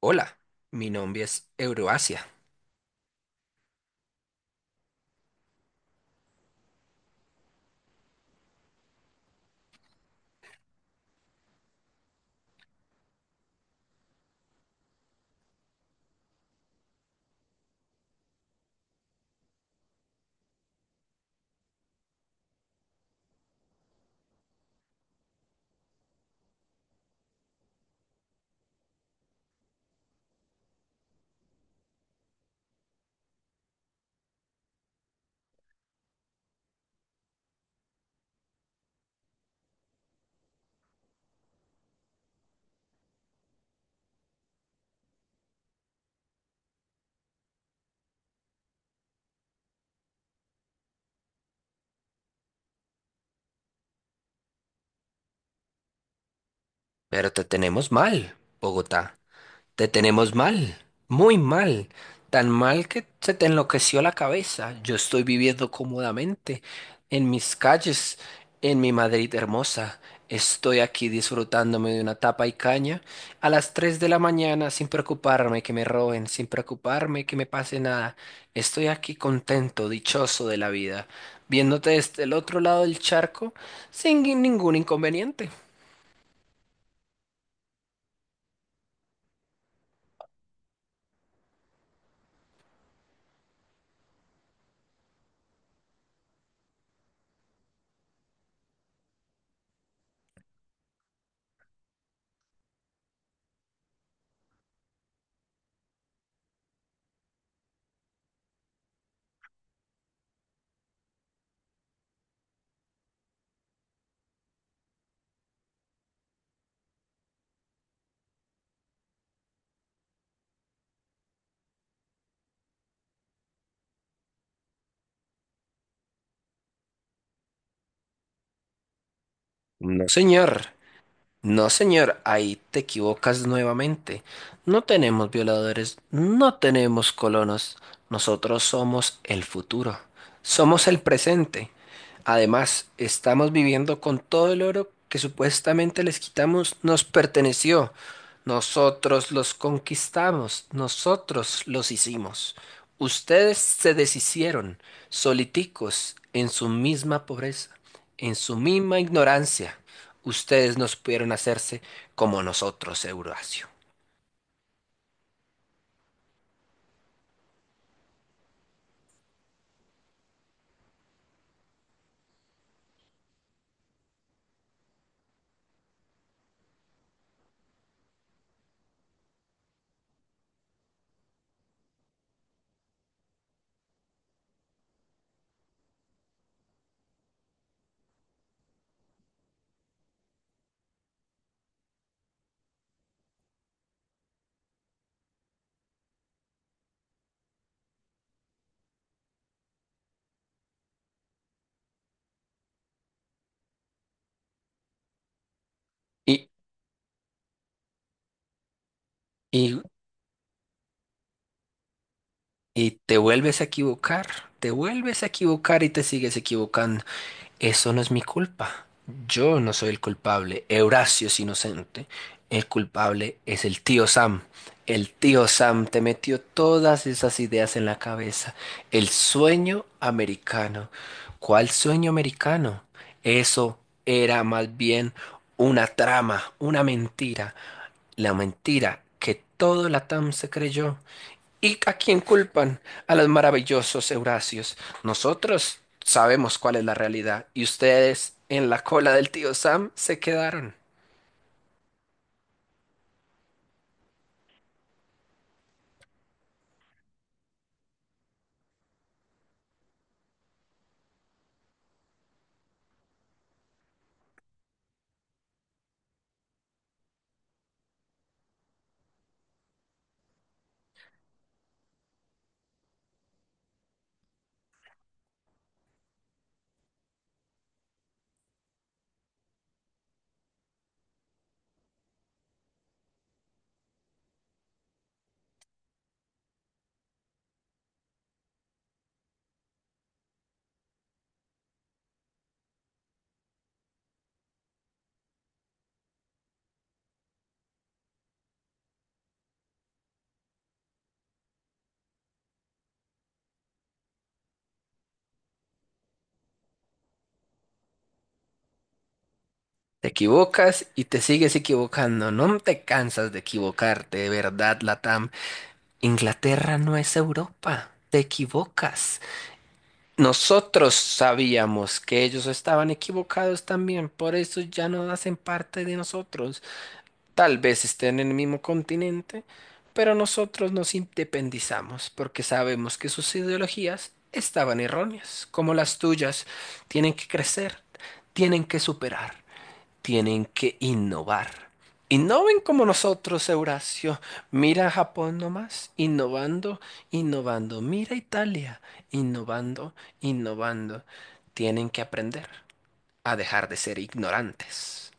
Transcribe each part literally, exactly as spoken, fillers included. Hola, mi nombre es Euroasia, pero te tenemos mal, Bogotá. Te tenemos mal, muy mal, tan mal que se te enloqueció la cabeza. Yo estoy viviendo cómodamente en mis calles, en mi Madrid hermosa. Estoy aquí disfrutándome de una tapa y caña a las tres de la mañana sin preocuparme que me roben, sin preocuparme que me pase nada. Estoy aquí contento, dichoso de la vida, viéndote desde el otro lado del charco sin ningún inconveniente. No, señor. No, señor, ahí te equivocas nuevamente. No tenemos violadores, no tenemos colonos. Nosotros somos el futuro, somos el presente. Además, estamos viviendo con todo el oro que supuestamente les quitamos, nos perteneció. Nosotros los conquistamos, nosotros los hicimos. Ustedes se deshicieron, soliticos, en su misma pobreza, en su misma ignorancia, ustedes no pudieron hacerse como nosotros, Eurasio. Y, y, y te vuelves a equivocar, te vuelves a equivocar y te sigues equivocando. Eso no es mi culpa. Yo no soy el culpable. Eurasio es inocente. El culpable es el tío Sam. El tío Sam te metió todas esas ideas en la cabeza. El sueño americano. ¿Cuál sueño americano? Eso era más bien una trama, una mentira, la mentira que todo Latam se creyó. ¿Y a quién culpan? A los maravillosos Eurasios. Nosotros sabemos cuál es la realidad y ustedes en la cola del tío Sam se quedaron. Te equivocas y te sigues equivocando. No te cansas de equivocarte, de verdad, Latam. Inglaterra no es Europa. Te equivocas. Nosotros sabíamos que ellos estaban equivocados también, por eso ya no hacen parte de nosotros. Tal vez estén en el mismo continente, pero nosotros nos independizamos porque sabemos que sus ideologías estaban erróneas, como las tuyas. Tienen que crecer, tienen que superar, tienen que innovar. Innoven como nosotros, Eurasio. Mira a Japón nomás, innovando, innovando. Mira a Italia, innovando, innovando. Tienen que aprender a dejar de ser ignorantes.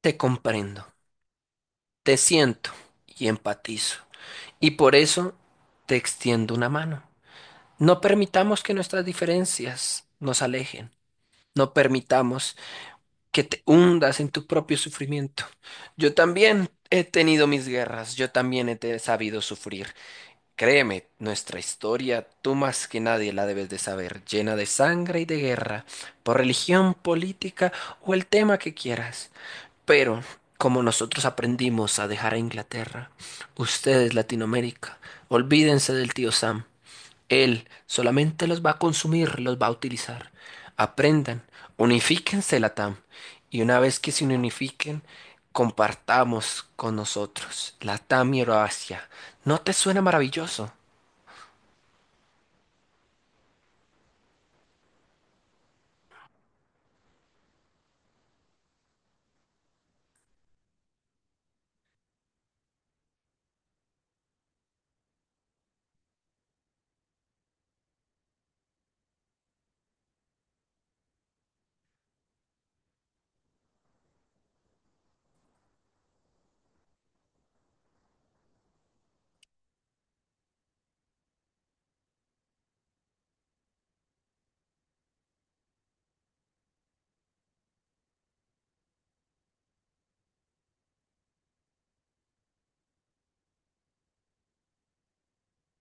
Te comprendo. Te siento y empatizo, y por eso te extiendo una mano. No permitamos que nuestras diferencias nos alejen. No permitamos que te hundas en tu propio sufrimiento. Yo también he tenido mis guerras, yo también he te- sabido sufrir. Créeme, nuestra historia, tú más que nadie la debes de saber, llena de sangre y de guerra, por religión, política o el tema que quieras. Pero como nosotros aprendimos a dejar a Inglaterra, ustedes, Latinoamérica, olvídense del tío Sam. Él solamente los va a consumir, los va a utilizar. Aprendan, unifíquense, Latam. Y una vez que se unifiquen, compartamos con nosotros, Latam y Euroasia. ¿No te suena maravilloso?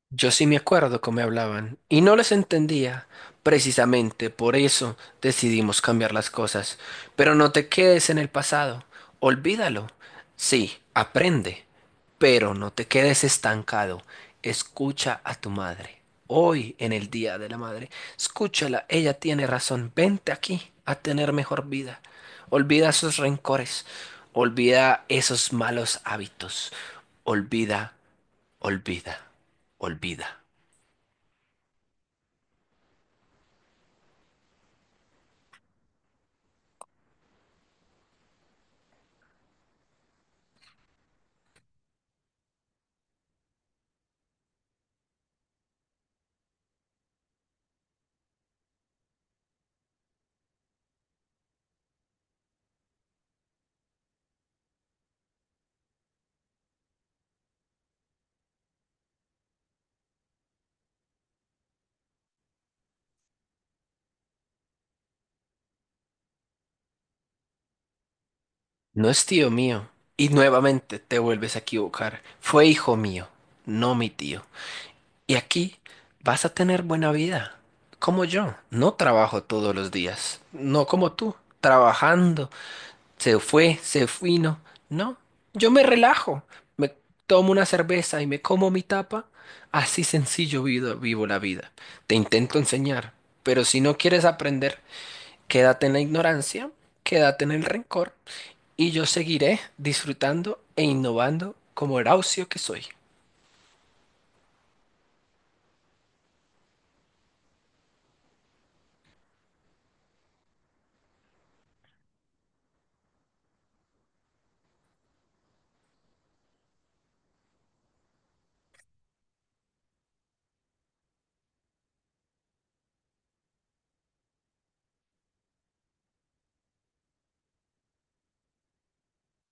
Yo sí me acuerdo cómo me hablaban y no les entendía. Precisamente por eso decidimos cambiar las cosas. Pero no te quedes en el pasado. Olvídalo. Sí, aprende. Pero no te quedes estancado. Escucha a tu madre. Hoy, en el Día de la Madre, escúchala. Ella tiene razón. Vente aquí a tener mejor vida. Olvida esos rencores. Olvida esos malos hábitos. Olvida. Olvida, olvida. No es tío mío. Y nuevamente te vuelves a equivocar. Fue hijo mío, no mi tío. Y aquí vas a tener buena vida. Como yo. No trabajo todos los días. No como tú. Trabajando. Se fue, se fino. No. Yo me relajo. Me tomo una cerveza y me como mi tapa. Así sencillo vivo, vivo la vida. Te intento enseñar. Pero si no quieres aprender, quédate en la ignorancia, quédate en el rencor, y yo seguiré disfrutando e innovando como Horacio que soy.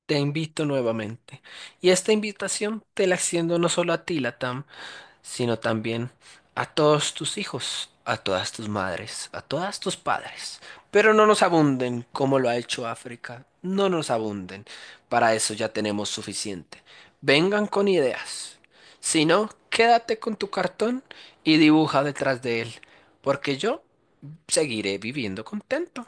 Te invito nuevamente. Y esta invitación te la extiendo no solo a ti, Latam, sino también a todos tus hijos, a todas tus madres, a todas tus padres. Pero no nos abunden como lo ha hecho África. No nos abunden. Para eso ya tenemos suficiente. Vengan con ideas. Si no, quédate con tu cartón y dibuja detrás de él, porque yo seguiré viviendo contento.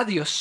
Adiós.